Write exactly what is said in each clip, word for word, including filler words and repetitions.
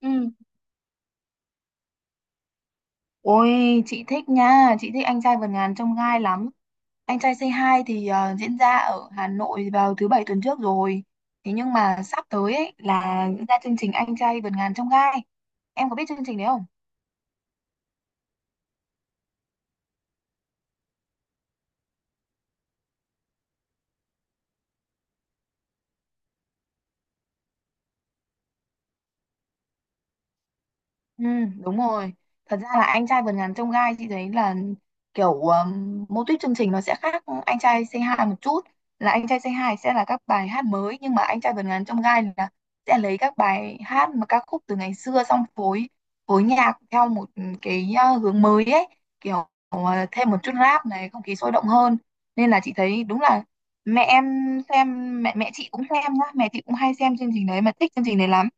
Ừ. Ôi chị thích nha, chị thích anh trai vượt ngàn chông gai lắm. Anh trai Say Hi thì ờ, diễn ra ở Hà Nội vào thứ bảy tuần trước rồi. Thế nhưng mà sắp tới ấy là diễn ra chương trình anh trai vượt ngàn chông gai. Em có biết chương trình đấy không? Ừ, đúng rồi. Thật ra là anh trai vượt ngàn chông gai chị thấy là kiểu um, mô típ chương trình nó sẽ khác anh trai Say Hi một chút. Là anh trai Say Hi sẽ là các bài hát mới nhưng mà anh trai vượt ngàn chông gai là sẽ lấy các bài hát mà ca khúc từ ngày xưa xong phối phối nhạc theo một cái uh, hướng mới ấy, kiểu uh, thêm một chút rap này, không khí sôi động hơn. Nên là chị thấy đúng là mẹ em xem mẹ mẹ chị cũng xem nhá, mẹ chị cũng hay xem chương trình đấy mà thích chương trình đấy lắm.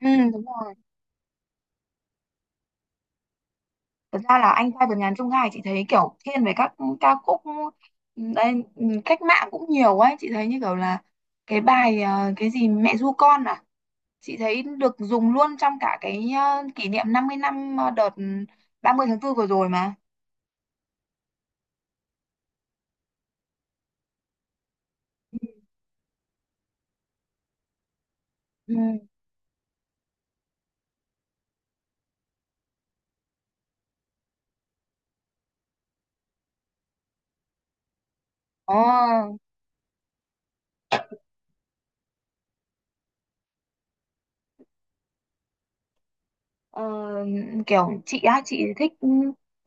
Ừ, đúng rồi. Thật ra là anh trai vượt ngàn chông gai chị thấy kiểu thiên về các ca khúc đây, cách mạng cũng nhiều ấy, chị thấy như kiểu là cái bài ờ, cái gì mẹ ru con à, chị thấy được dùng luôn trong cả cái ờ, kỷ niệm năm mươi năm ờ, đợt ừ, ba mươi tháng tư vừa rồi mà. Ừ. Ồ. Ờ, kiểu chị á, chị thích,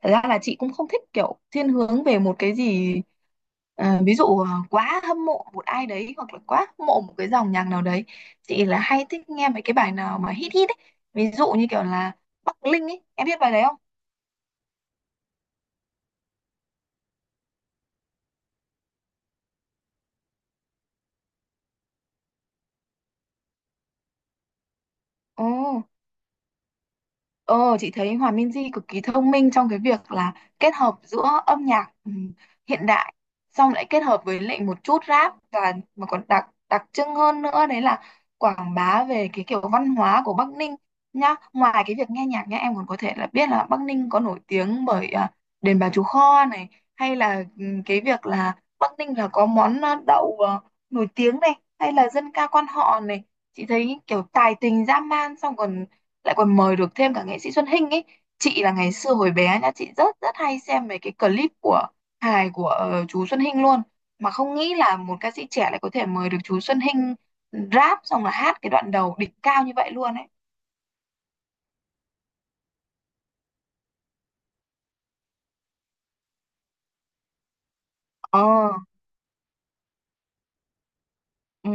thật ra là chị cũng không thích kiểu thiên hướng về một cái gì, ờ, ví dụ ờ, quá hâm mộ một ai đấy hoặc là quá hâm mộ một cái dòng nhạc nào đấy, chị là hay thích nghe mấy cái bài nào mà hit hit ấy, ví dụ như kiểu là Bắc Linh ấy, em biết bài đấy không? Ồ. Ờ, chị thấy Hòa Minzy cực kỳ thông minh trong cái việc là kết hợp giữa âm nhạc ừm, hiện đại, xong lại kết hợp với lại một chút rap, và mà còn đặc đặc trưng hơn nữa, đấy là quảng bá về cái kiểu văn hóa của Bắc Ninh nhá. Ngoài cái việc nghe nhạc nhá, em còn có thể là biết là Bắc Ninh có nổi tiếng bởi à, đền Bà Chúa Kho này, hay là ừm, cái việc là Bắc Ninh là có món à, đậu à, nổi tiếng này, hay là dân ca quan họ này. Chị thấy kiểu tài tình dã man, xong còn lại còn mời được thêm cả nghệ sĩ Xuân Hinh ấy, chị là ngày xưa hồi bé nha, chị rất rất hay xem mấy cái clip của hài của ờ, chú Xuân Hinh luôn, mà không nghĩ là một ca sĩ trẻ lại có thể mời được chú Xuân Hinh rap xong là hát cái đoạn đầu đỉnh cao như vậy luôn ấy. Ờ. Ừ,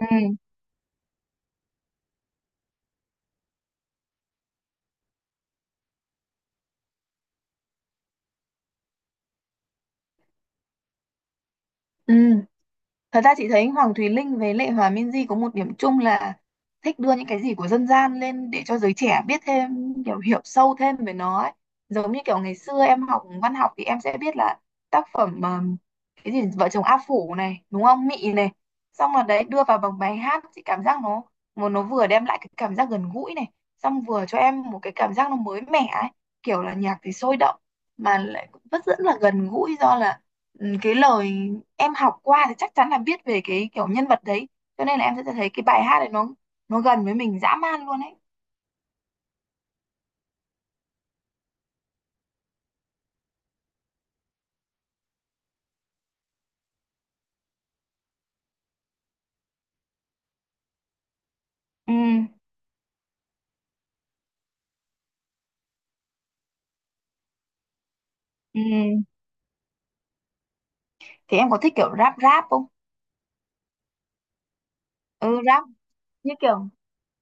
ừ, ừ. Thật ra chị thấy Hoàng Thùy Linh với Lệ Hòa Minzy có một điểm chung là thích đưa những cái gì của dân gian lên để cho giới trẻ biết thêm, kiểu hiểu sâu thêm về nó ấy. Giống như kiểu ngày xưa em học văn học thì em sẽ biết là tác phẩm ờm, cái gì vợ chồng A Phủ này, đúng không? Mị này. Xong rồi đấy đưa vào bằng bài hát chị cảm giác nó, một nó vừa đem lại cái cảm giác gần gũi này, xong vừa cho em một cái cảm giác nó mới mẻ ấy, kiểu là nhạc thì sôi động mà lại vẫn rất là gần gũi, do là ừ, cái lời em học qua thì chắc chắn là biết về cái kiểu nhân vật đấy, cho nên là em sẽ thấy cái bài hát này nó nó gần với mình dã man luôn ấy. Ừ, ừ. Thì em có thích kiểu rap rap không? Ừ, rap, như kiểu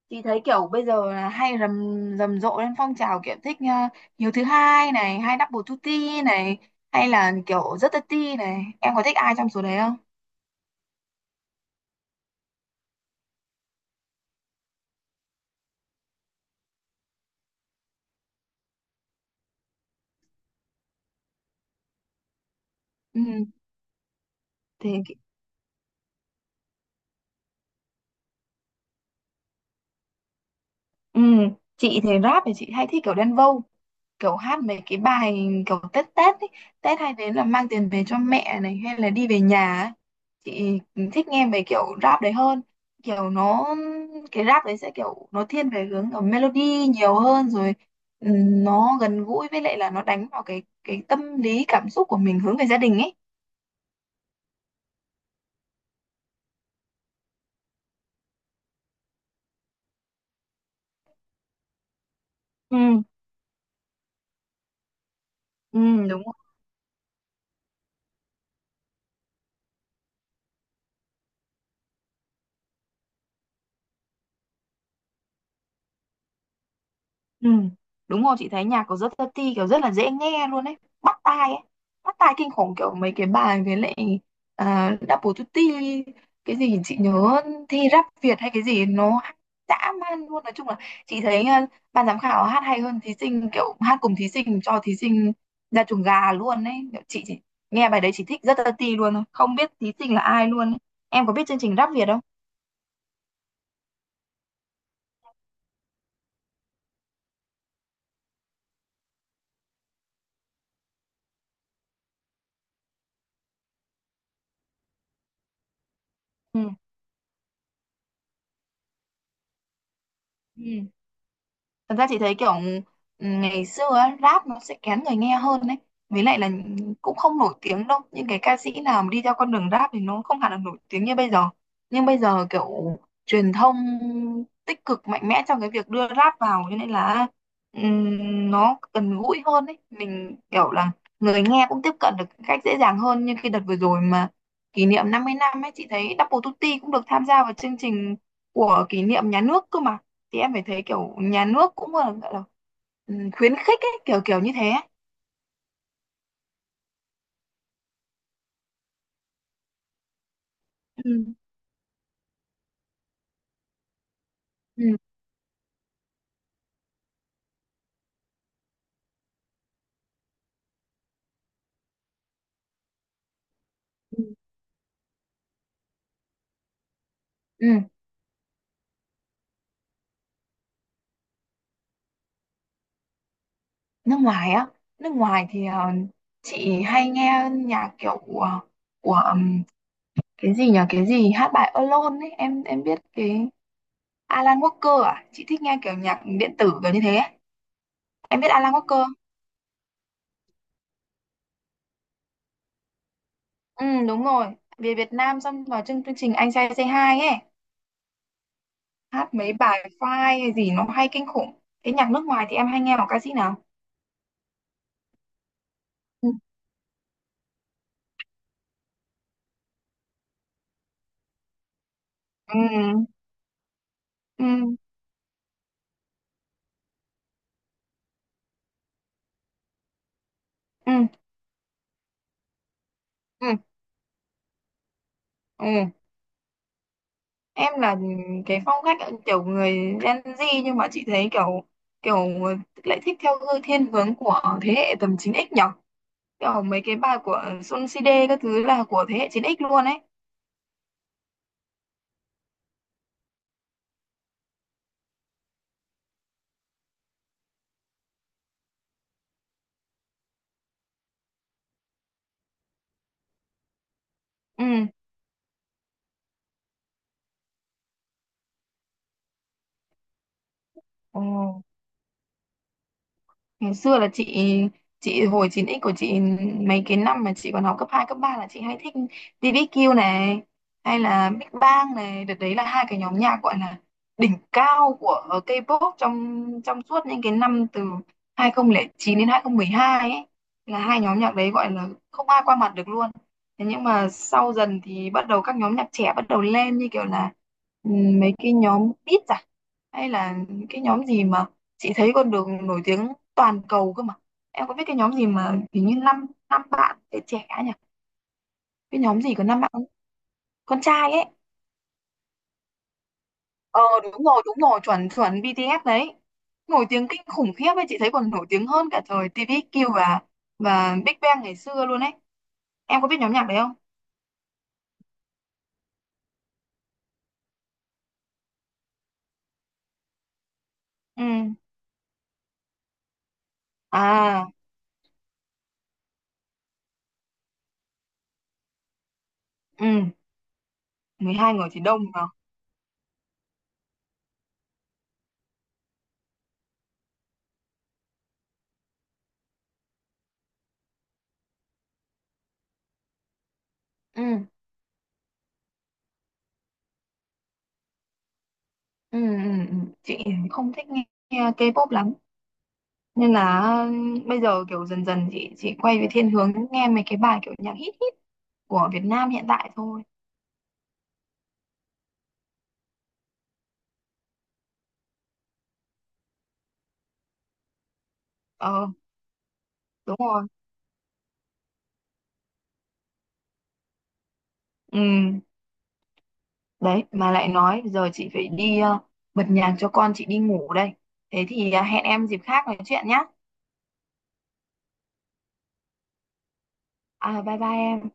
chị thấy kiểu bây giờ là hay rầm rầm rộ lên phong trào kiểu thích uh, Hiếu thứ hai này hay Double Tutti này hay là kiểu rất Tati này, em có thích ai trong số đấy không? Ừ, thì ừ, chị thì rap thì chị hay thích kiểu Đen Vâu, kiểu hát mấy cái bài kiểu Tết Tết ấy. Tết hay đến là mang tiền về cho mẹ này hay là đi về nhà ấy. Chị thích nghe về kiểu rap đấy hơn, kiểu nó cái rap đấy sẽ kiểu nó thiên về hướng ở melody nhiều hơn rồi, ừm, nó gần gũi với lại là nó đánh vào cái cái tâm lý cảm xúc của mình hướng về gia đình ấy. Ừ, ừ, đúng. Ừ, đúng rồi, chị thấy nhạc của rất Tati kiểu rất là dễ nghe luôn ấy, bắt tai ấy, bắt tai kinh khủng kiểu mấy cái bài với lại uh, Double Tutti, cái gì chị nhớ thi rap Việt hay cái gì nó hát dã man luôn, nói chung là chị thấy ờ, ban giám khảo hát hay hơn thí sinh, kiểu hát cùng thí sinh cho thí sinh ra chuồng gà luôn ấy, kiểu chị chỉ nghe bài đấy chị thích rất Tati luôn thôi, không biết thí sinh là ai luôn ấy. Em có biết chương trình rap Việt không? Ừ. Ừ. Thật ra chị thấy kiểu ngày xưa á, rap nó sẽ kén người nghe hơn đấy. Với lại là cũng không nổi tiếng đâu. Những cái ca sĩ nào mà đi theo con đường rap thì nó không hẳn là nổi tiếng như bây giờ. Nhưng bây giờ kiểu truyền thông tích cực mạnh mẽ trong cái việc đưa rap vào, cho nên là ừm, nó gần gũi hơn đấy. Mình kiểu là người nghe cũng tiếp cận được một cách dễ dàng hơn, như khi đợt vừa rồi mà kỷ niệm năm mươi năm ấy, chị thấy Double Tutti cũng được tham gia vào chương trình của kỷ niệm nhà nước cơ mà, thì em phải thấy kiểu nhà nước cũng là, gọi là, ừm, khuyến khích ấy, kiểu kiểu như thế ấy. Ừ, ừ. Ừ. Ừ. Nước ngoài á, nước ngoài thì ờ, chị hay nghe nhạc kiểu của của ừm, cái gì nhỉ, cái gì hát bài Alone ấy, em em biết cái Alan Walker à, chị thích nghe kiểu nhạc điện tử kiểu như thế ấy. Em biết Alan Walker không? Ừ, đúng rồi, về Việt Nam xong vào chương chương trình Anh Trai Say Hi ấy, hát mấy bài file hay gì nó hay kinh khủng, thế nhạc nước ngoài thì em hay nghe một ca sĩ nào? Ừ. Ừ, ừ, ừ, ừ, ừ. Em là cái phong cách kiểu người Gen Z, nhưng mà chị thấy kiểu kiểu lại thích theo hư thiên hướng của thế hệ tầm chín x nhở, kiểu mấy cái bài của Sun xê đê các thứ là của thế hệ chín x luôn ấy. Ừ, ngày xưa là chị chị hồi chín x của chị, mấy cái năm mà chị còn học cấp hai cấp ba là chị hay thích ti vi kiu này hay là Big Bang này, đợt đấy là hai cái nhóm nhạc gọi là đỉnh cao của K-pop trong trong suốt những cái năm từ hai không không chín đến hai không một hai ấy, là hai nhóm nhạc đấy gọi là không ai qua mặt được luôn. Thế nhưng mà sau dần thì bắt đầu các nhóm nhạc trẻ bắt đầu lên, như kiểu là ừ, mấy cái nhóm Beat hay là cái nhóm gì mà chị thấy con đường nổi tiếng toàn cầu cơ mà, em có biết cái nhóm gì mà hình như năm năm bạn trẻ trẻ nhỉ, cái nhóm gì có năm bạn con, con trai ấy? Ờ, đúng rồi, đúng rồi, chuẩn chuẩn, bi ti ét đấy, nổi tiếng kinh khủng khiếp ấy, chị thấy còn nổi tiếng hơn cả thời tê vê ích quy và và Big Bang ngày xưa luôn ấy, em có biết nhóm nhạc đấy không? Ừ. À. Ừ. Mười hai người thì đông mà. Ừ, ừ, ừ, ừ. Chị không thích nghe K-pop lắm nên là ừm, bây giờ kiểu dần dần chị chị quay về thiên hướng nghe mấy cái bài kiểu nhạc hit hit của Việt Nam hiện tại thôi. Ờ, đúng rồi. Ừ, đấy mà lại nói giờ chị phải đi ờ, bật nhạc cho con chị đi ngủ đây, thế thì ờ, hẹn em dịp khác nói chuyện nhá. À, bye bye em.